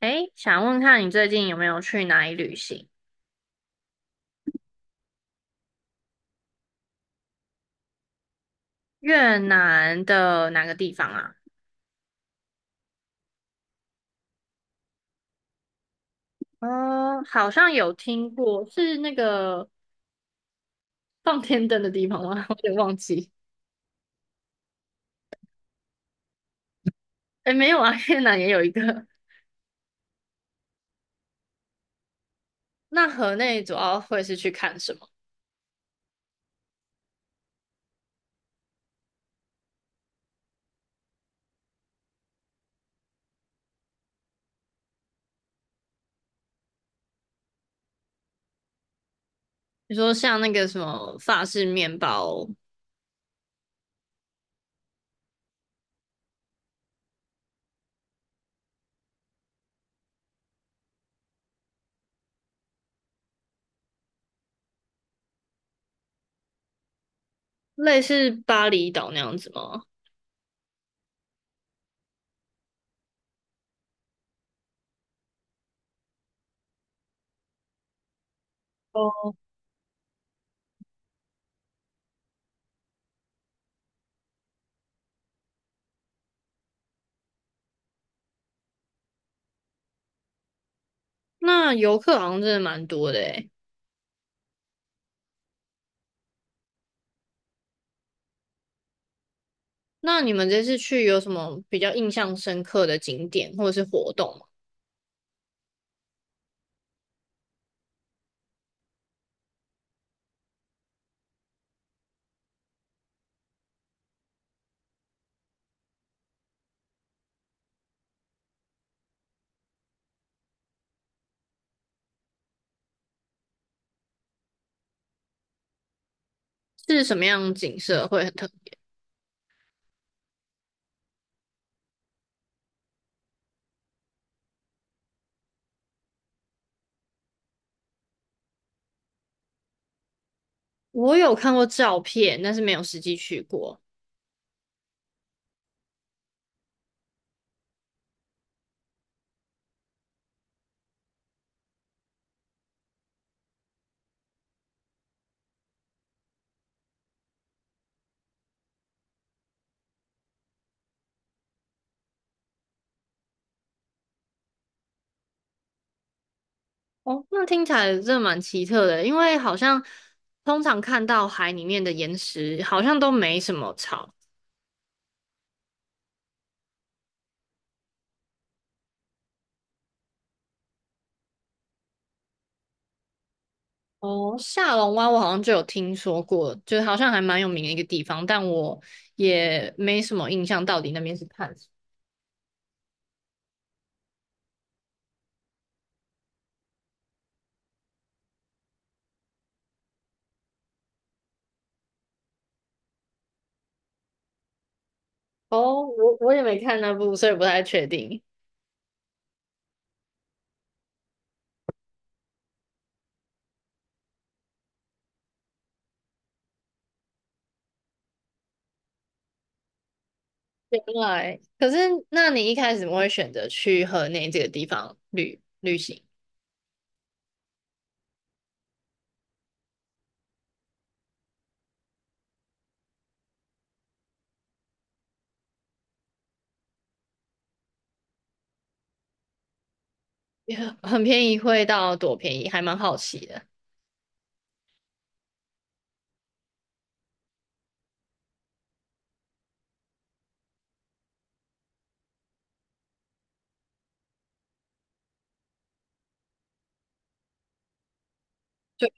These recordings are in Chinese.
诶，想问看你最近有没有去哪里旅行？越南的哪个地方啊？哦，好像有听过，是那个放天灯的地方吗？我有点忘记。诶，没有啊，越南也有一个。那河内主要会是去看什么？你说像那个什么法式面包，类似巴厘岛那样子吗？哦，那游客好像真的蛮多的诶。那你们这次去有什么比较印象深刻的景点或者是活动吗？是什么样的景色会很特别？我有看过照片，但是没有实际去过。哦，那听起来真的蛮奇特的，因为好像通常看到海里面的岩石好像都没什么草。哦，下龙湾我好像就有听说过，就是好像还蛮有名的一个地方，但我也没什么印象，到底那边是看什么。哦，我也没看那部，所以不太确定。原来，可是那你一开始怎么会选择去河内这个地方旅行？也很便宜，会到多便宜，还蛮好奇的。就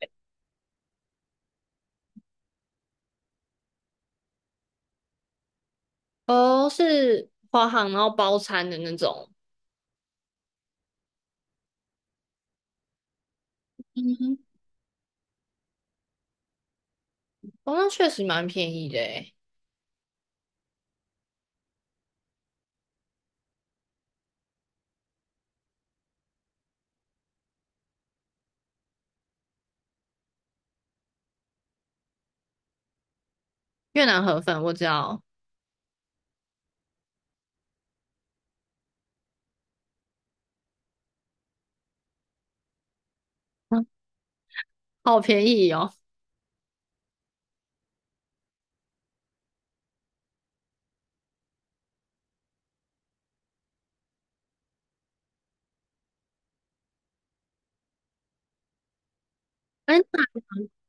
哦，是华航然后包餐的那种，嗯哼，哦，那确实蛮便宜的诶越南河粉我知道，嗯，好便宜哦。哎，那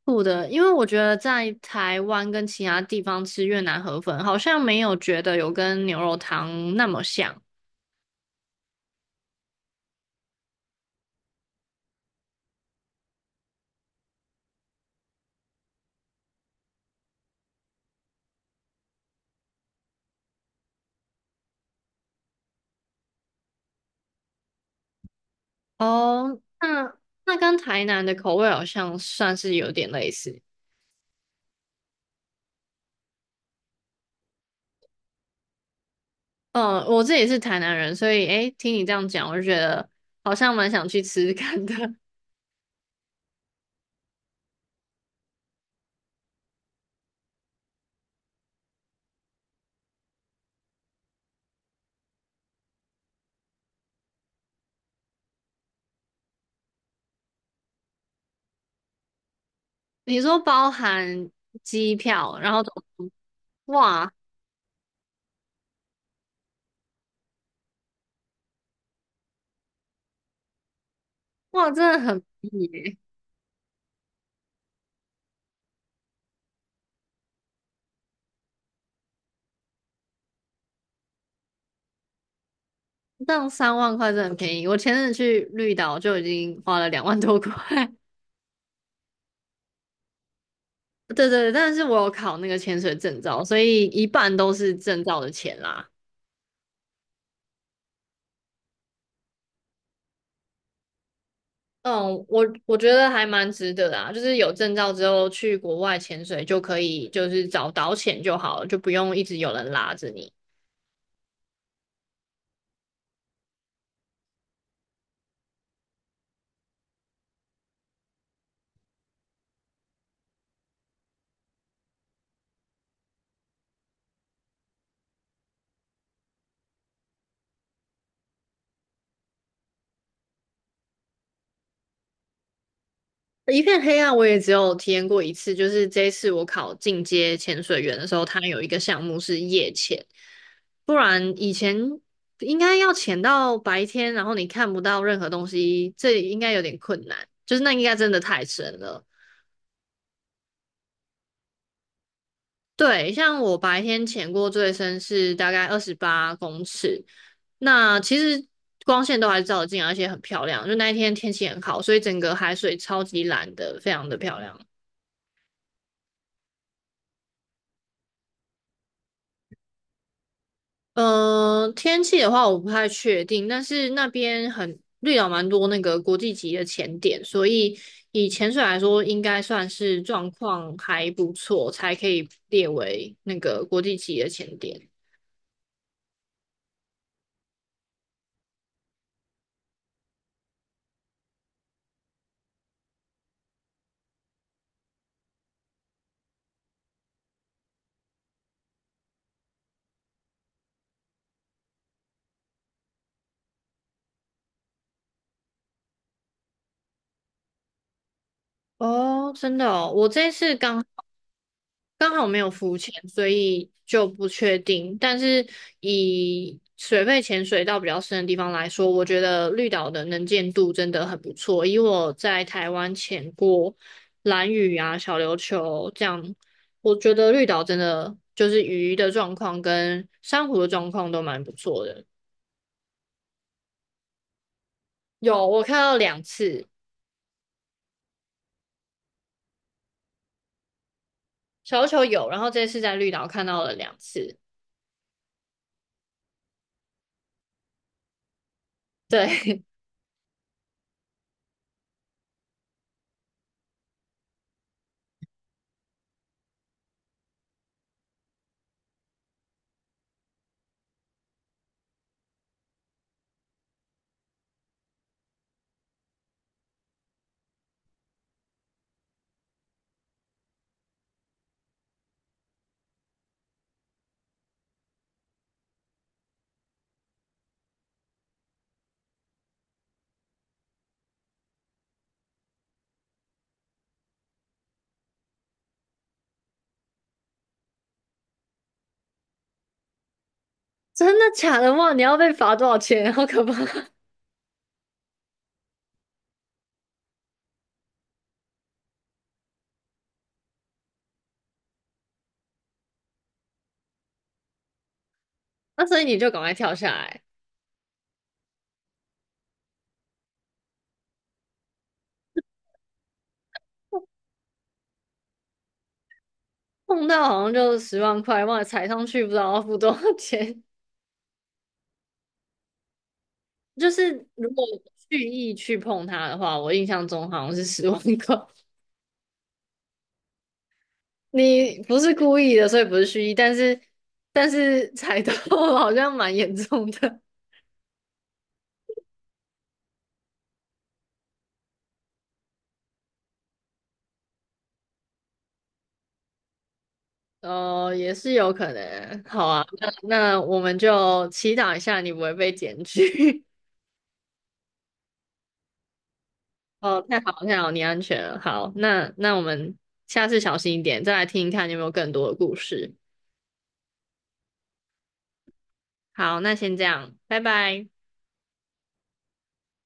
苦的，因为我觉得在台湾跟其他地方吃越南河粉，好像没有觉得有跟牛肉汤那么像。哦，那跟台南的口味好像算是有点类似。嗯，我这也是台南人，所以诶，听你这样讲，我就觉得好像蛮想去吃吃看的。你说包含机票，然后怎么哇哇，真的很便宜耶，这样3万块真的很便宜。我前阵子去绿岛就已经花了2万多块。对对对，但是我有考那个潜水证照，所以一半都是证照的钱啦。嗯，我觉得还蛮值得的啊，就是有证照之后去国外潜水就可以，就是找导潜就好了，就不用一直有人拉着你。一片黑暗，我也只有体验过一次，就是这一次我考进阶潜水员的时候，它有一个项目是夜潜，不然以前应该要潜到白天，然后你看不到任何东西，这应该有点困难，就是那应该真的太深了。对，像我白天潜过最深是大概28公尺，那其实光线都还照得进来而且很漂亮，就那一天天气很好，所以整个海水超级蓝的，非常的漂亮。嗯、天气的话我不太确定，但是那边很绿岛蛮多那个国际级的潜点，所以以潜水来说，应该算是状况还不错，才可以列为那个国际级的潜点。哦，真的哦，我这次刚刚好没有浮潜，所以就不确定。但是以水肺潜水到比较深的地方来说，我觉得绿岛的能见度真的很不错。以我在台湾潜过蓝屿啊、小琉球这样，我觉得绿岛真的就是鱼的状况跟珊瑚的状况都蛮不错的。有，我看到两次，小琉球有，然后这次在绿岛看到了两次。对，真的假的？哇，你要被罚多少钱？好可怕！那所以你就赶快跳下来，碰到好像就十万块，忘了踩上去不知道要付多少钱。就是如果蓄意去碰它的话，我印象中好像是十万块。你不是故意的，所以不是蓄意，但是踩到 好像蛮严重的。哦，也是有可能。好啊，那我们就祈祷一下你不会被检举。哦，太好了太好了你安全了。好，那我们下次小心一点，再来听一看你有没有更多的故事。好，那先这样，拜拜。